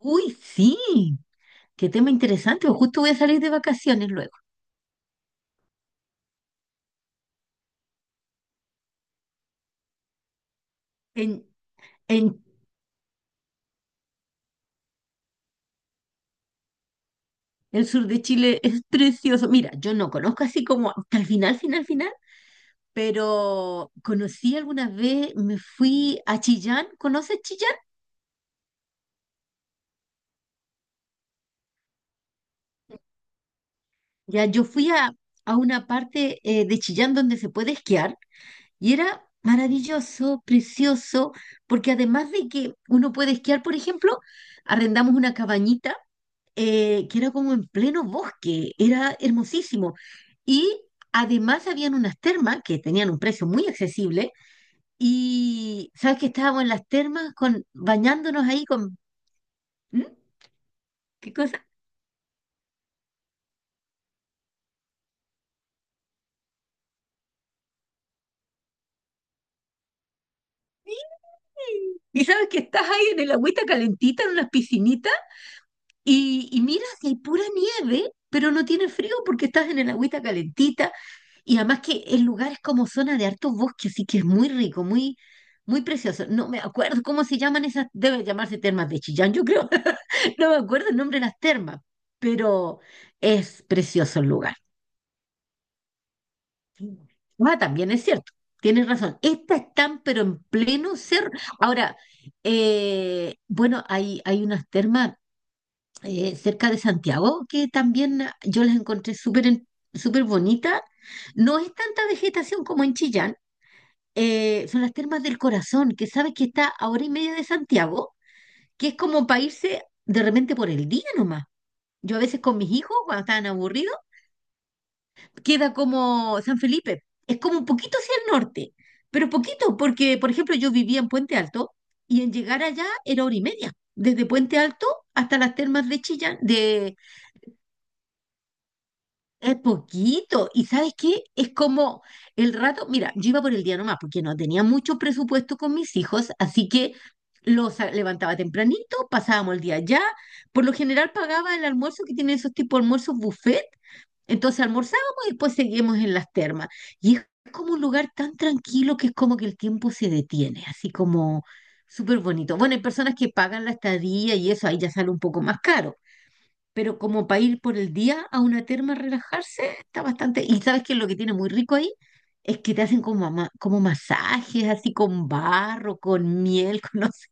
Uy, sí, qué tema interesante. Pues justo voy a salir de vacaciones luego. En, en el sur de Chile es precioso. Mira, yo no conozco así como hasta el final, final, final, pero conocí alguna vez, me fui a Chillán. ¿Conoces Chillán? Ya, yo fui a una parte de Chillán donde se puede esquiar y era maravilloso, precioso, porque además de que uno puede esquiar, por ejemplo, arrendamos una cabañita que era como en pleno bosque, era hermosísimo. Y además habían unas termas que tenían un precio muy accesible y sabes que estábamos en las termas con, bañándonos ahí con. ¿Mm? ¿Qué cosa? Y sabes que estás ahí en el agüita calentita, en unas piscinitas. Y mira, si hay pura nieve, pero no tiene frío porque estás en el agüita calentita. Y además que el lugar es como zona de hartos bosques, así que es muy rico, muy, muy precioso. No me acuerdo cómo se llaman esas, debe llamarse termas de Chillán, yo creo. No me acuerdo el nombre de las termas, pero es precioso el lugar. Ah, también es cierto, tienes razón. Estas están, pero en pleno cerro. Ahora, bueno, hay unas termas cerca de Santiago, que también yo las encontré súper bonitas. No es tanta vegetación como en Chillán, son las Termas del Corazón, que sabes que está a hora y media de Santiago, que es como para irse de repente por el día nomás. Yo a veces con mis hijos, cuando estaban aburridos, queda como San Felipe, es como un poquito hacia el norte, pero poquito, porque por ejemplo yo vivía en Puente Alto y en llegar allá era hora y media, desde Puente Alto hasta las termas de Chillán. Es poquito. ¿Y sabes qué? Es como el rato, mira, yo iba por el día nomás porque no tenía mucho presupuesto con mis hijos, así que los levantaba tempranito, pasábamos el día allá. Por lo general pagaba el almuerzo que tienen esos tipos de almuerzos buffet. Entonces almorzábamos y después seguíamos en las termas. Y es como un lugar tan tranquilo que es como que el tiempo se detiene, así como súper bonito. Bueno, hay personas que pagan la estadía y eso ahí ya sale un poco más caro, pero como para ir por el día a una terma a relajarse, está bastante. Y sabes que lo que tiene muy rico ahí es que te hacen como, como masajes, así con barro, con miel, con no sé.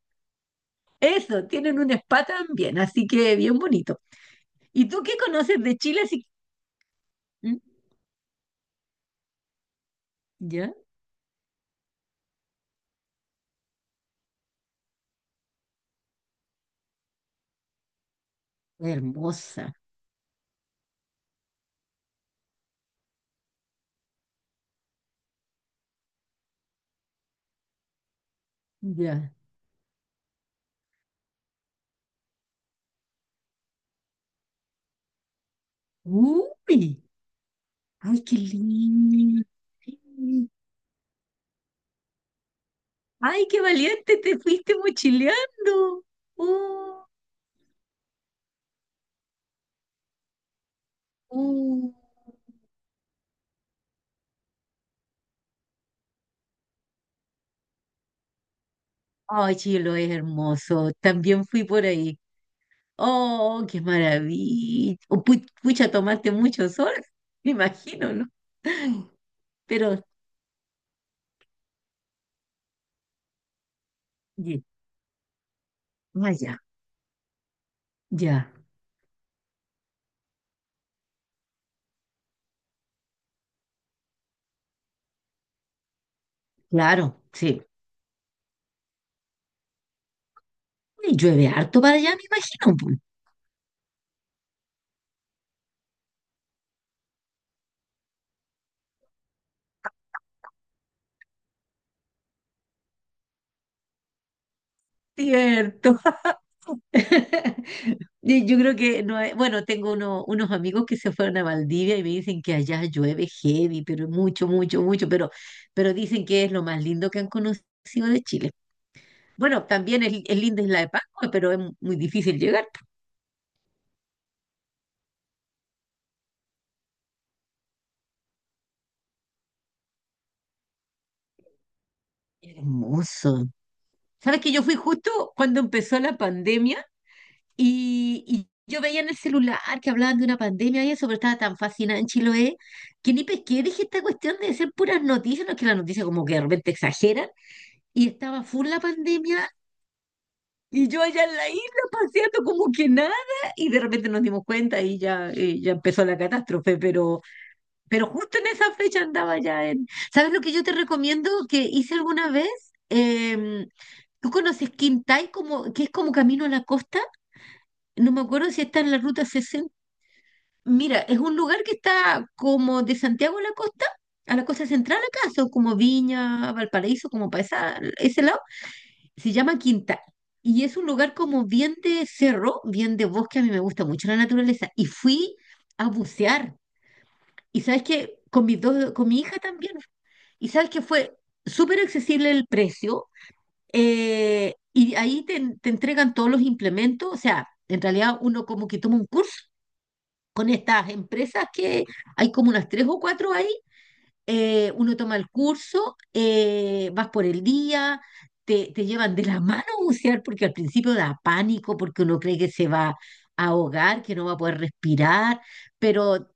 Eso, tienen un spa también, así que bien bonito. ¿Y tú qué conoces de Chile? Así. ¿Mm? ¿Ya? Hermosa. Ya. Uy, ay, qué lindo. Ay, qué valiente, te fuiste mochileando. Uh, uh. Ay, Chilo, es hermoso. También fui por ahí. Oh, qué maravilla. Pucha, tomaste mucho sol, me imagino, ¿no? Pero, ye- ah, ya, ya, claro, sí. Y llueve harto para allá, me imagino, pues. Cierto. Y yo creo que no, bueno, tengo unos amigos que se fueron a Valdivia y me dicen que allá llueve heavy, pero mucho, mucho, mucho, pero dicen que es lo más lindo que han conocido de Chile. Bueno, también es, linda Isla de Pascua, pero es muy difícil llegar. Hermoso. ¿Sabes que yo fui justo cuando empezó la pandemia y yo veía en el celular que hablaban de una pandemia y eso, pero estaba tan fascinada en Chiloé que ni pesqué? Dije, esta cuestión de ser puras noticias, no es que las noticias como que de repente exageran. Y estaba full la pandemia y yo allá en la isla paseando como que nada y de repente nos dimos cuenta y ya, ya empezó la catástrofe, pero. Pero justo en esa fecha andaba ya en. ¿Sabes lo que yo te recomiendo que hice alguna vez? Em, ¿Tú conoces Quintay, como, que es como camino a la costa? No me acuerdo si está en la ruta 60. Mira, es un lugar que está como de Santiago a la costa central acá, son como Viña, Valparaíso, como para ese lado. Se llama Quintay. Y es un lugar como bien de cerro, bien de bosque, a mí me gusta mucho la naturaleza. Y fui a bucear. Y sabes que con mis dos, con mi hija también. Y sabes que fue súper accesible el precio, y ahí te, entregan todos los implementos, o sea, en realidad uno como que toma un curso con estas empresas que hay como unas tres o cuatro ahí, uno toma el curso, vas por el día, te llevan de la mano a bucear porque al principio da pánico, porque uno cree que se va a ahogar, que no va a poder respirar, pero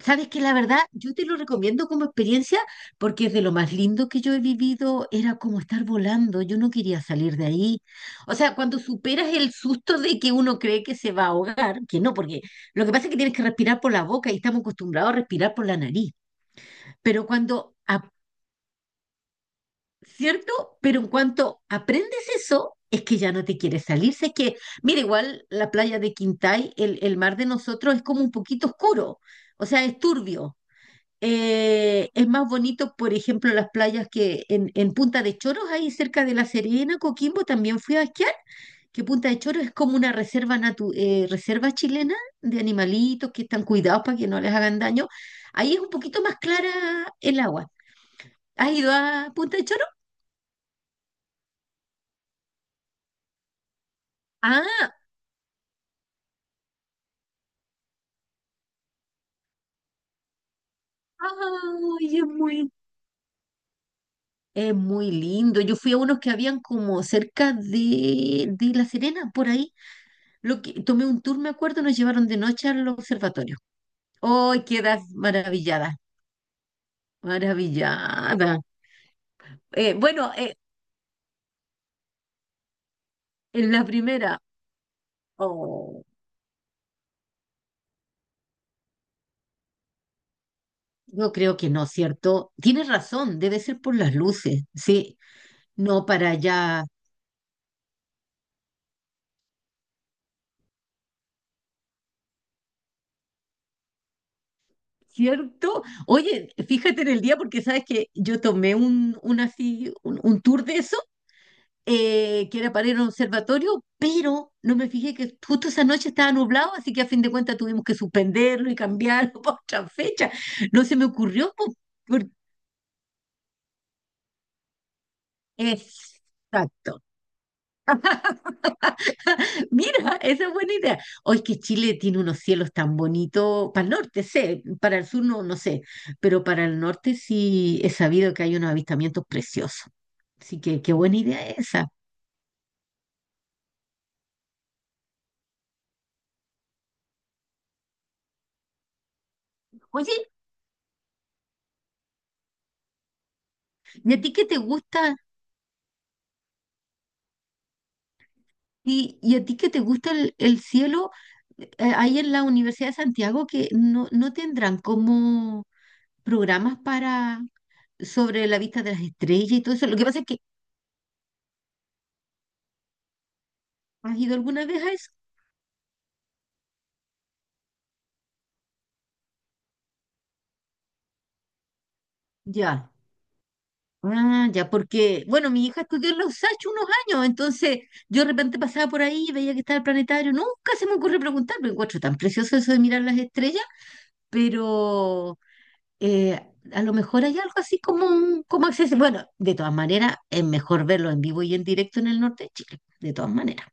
sabes que la verdad, yo te lo recomiendo como experiencia porque es de lo más lindo que yo he vivido, era como estar volando, yo no quería salir de ahí. O sea, cuando superas el susto de que uno cree que se va a ahogar, que no, porque lo que pasa es que tienes que respirar por la boca y estamos acostumbrados a respirar por la nariz. Pero cuando, ¿cierto? Pero en cuanto aprendes eso, es que ya no te quieres salir. Sé que, mira, igual la playa de Quintay, el, mar de nosotros es como un poquito oscuro, o sea, es turbio, es más bonito, por ejemplo, las playas que en Punta de Choros, ahí cerca de La Serena, Coquimbo, también fui a esquiar, que Punta de Choros es como una reserva, reserva chilena de animalitos que están cuidados para que no les hagan daño. Ahí es un poquito más clara el agua. ¿Has ido a Punta de Choros? Ah, ay, es muy, lindo. Yo fui a unos que habían como cerca de La Serena, por ahí. Lo que, tomé un tour, me acuerdo, nos llevaron de noche al observatorio. Hoy quedas maravillada, maravillada. Bueno, en la primera, oh, yo creo que no, ¿cierto? Tienes razón, debe ser por las luces, sí, no para allá, ¿cierto? Oye, fíjate en el día porque sabes que yo tomé un, así, un tour de eso, que era para ir a un observatorio, pero no me fijé que justo esa noche estaba nublado, así que a fin de cuentas tuvimos que suspenderlo y cambiarlo para otra fecha. No se me ocurrió, po. Exacto. Mira, esa es buena idea. Hoy que Chile tiene unos cielos tan bonitos, para el norte sé, para el sur no, no sé, pero para el norte sí he sabido que hay unos avistamientos preciosos. Así que qué buena idea esa. Oye, ¿y a ti qué te gusta? ¿Y a ti qué te gusta el cielo? Eh, Ahí en la Universidad de Santiago que no, no tendrán como programas para sobre la vista de las estrellas y todo eso. Lo que pasa es que, ¿has ido alguna vez a eso? Ya, ah, ya, porque, bueno, mi hija estudió en los Sach unos años, entonces yo de repente pasaba por ahí y veía que estaba el planetario. Nunca se me ocurre preguntar, me encuentro tan precioso eso de mirar las estrellas, pero eh, a lo mejor hay algo así como, como acceso. Bueno, de todas maneras, es mejor verlo en vivo y en directo en el norte de Chile, de todas maneras.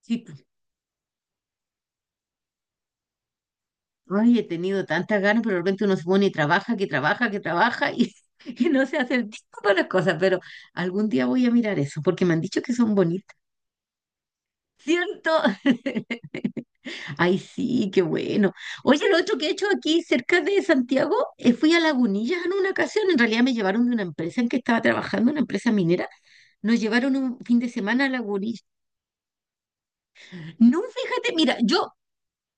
Sí, pues, ay, he tenido tantas ganas, pero de repente uno se pone y trabaja, que trabaja, que trabaja y, y no se hace el tiempo para las cosas, pero algún día voy a mirar eso, porque me han dicho que son bonitas. ¿Cierto? Ay, sí, qué bueno. Oye, lo otro que he hecho aquí cerca de Santiago, fui a Lagunillas en una ocasión. En realidad me llevaron de una empresa en que estaba trabajando, una empresa minera. Nos llevaron un fin de semana a Lagunillas. No, fíjate, mira, yo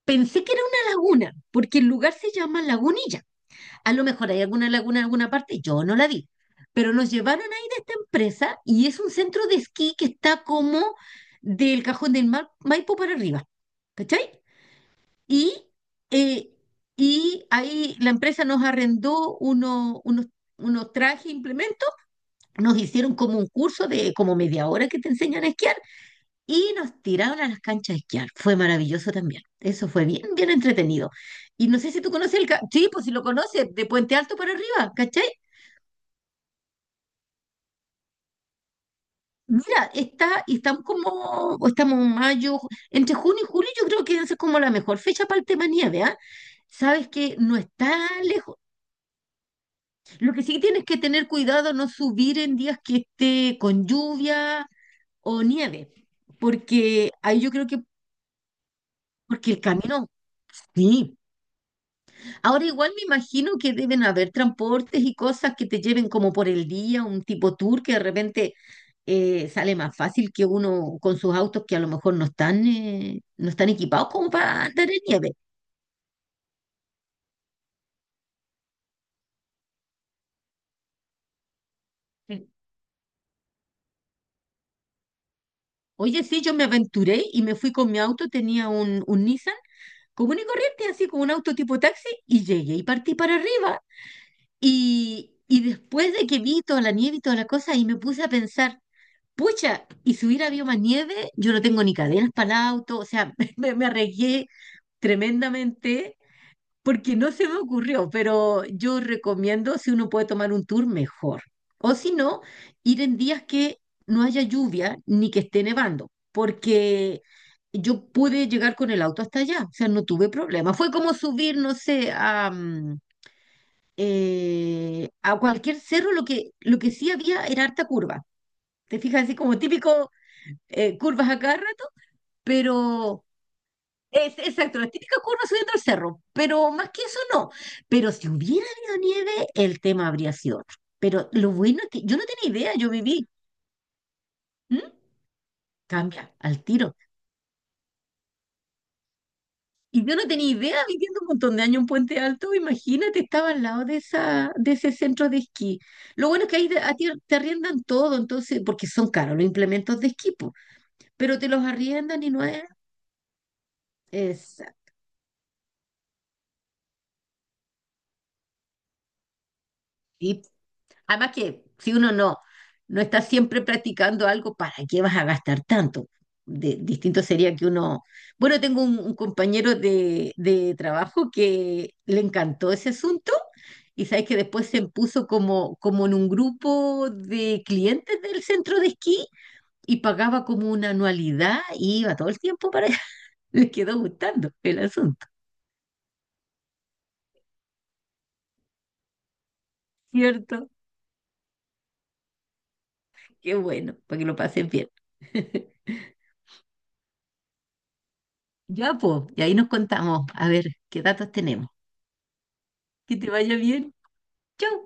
pensé que era una laguna, porque el lugar se llama Lagunilla. A lo mejor hay alguna laguna en alguna parte, yo no la vi. Pero nos llevaron ahí de esta empresa y es un centro de esquí que está como del Cajón del Maipo para arriba. ¿Cachai? Y, eh, y ahí la empresa nos arrendó unos trajes, implementos, nos hicieron como un curso de como media hora que te enseñan a esquiar y nos tiraron a las canchas a esquiar. Fue maravilloso también. Eso fue bien, bien entretenido. Y no sé si tú conoces sí, pues si lo conoces, de Puente Alto para arriba, ¿cachai? Mira, está, y estamos como, o estamos en mayo, entre junio y julio, yo creo que esa es como la mejor fecha para el tema nieve, ¿ah? Sabes que no está lejos. Lo que sí tienes que tener cuidado no subir en días que esté con lluvia o nieve, porque ahí yo creo que, porque el camino, sí. Ahora igual me imagino que deben haber transportes y cosas que te lleven como por el día, un tipo tour que de repente, sale más fácil que uno con sus autos que a lo mejor no están, no están equipados como para andar en nieve. Sí. Oye, sí, yo me aventuré y me fui con mi auto, tenía un, Nissan común y corriente, así como un auto tipo taxi, y llegué y partí para arriba. Y después de que vi toda la nieve y toda la cosa, y me puse a pensar, pucha, y si hubiera habido más nieve, yo no tengo ni cadenas para el auto, o sea, me, arriesgué tremendamente porque no se me ocurrió, pero yo recomiendo si uno puede tomar un tour mejor. O si no, ir en días que no haya lluvia ni que esté nevando, porque yo pude llegar con el auto hasta allá, o sea, no tuve problema. Fue como subir, no sé, a cualquier cerro, lo que sí había era harta curva. Te fijas, así como típico, curvas a cada rato, pero exacto, la típica curva subiendo el cerro, pero más que eso no. Pero si hubiera habido nieve, el tema habría sido otro. Pero lo bueno es que yo no tenía idea, yo viví. ¿M? Cambia al tiro. Y yo no tenía idea, viviendo un montón de años en Puente Alto, imagínate, estaba al lado de ese centro de esquí. Lo bueno es que ahí a ti te arriendan todo, entonces, porque son caros los implementos de esquí, po, pero te los arriendan y no es. Exacto. Además que si uno no, no está siempre practicando algo, ¿para qué vas a gastar tanto? Distinto sería que uno. Bueno, tengo un, compañero de trabajo que le encantó ese asunto y sabes que después se puso como en un grupo de clientes del centro de esquí y pagaba como una anualidad y iba todo el tiempo para allá. Le quedó gustando el asunto, ¿cierto? Qué bueno, para que lo pasen bien. Ya, pues, y ahí nos contamos, a ver qué datos tenemos. Que te vaya bien. Chau.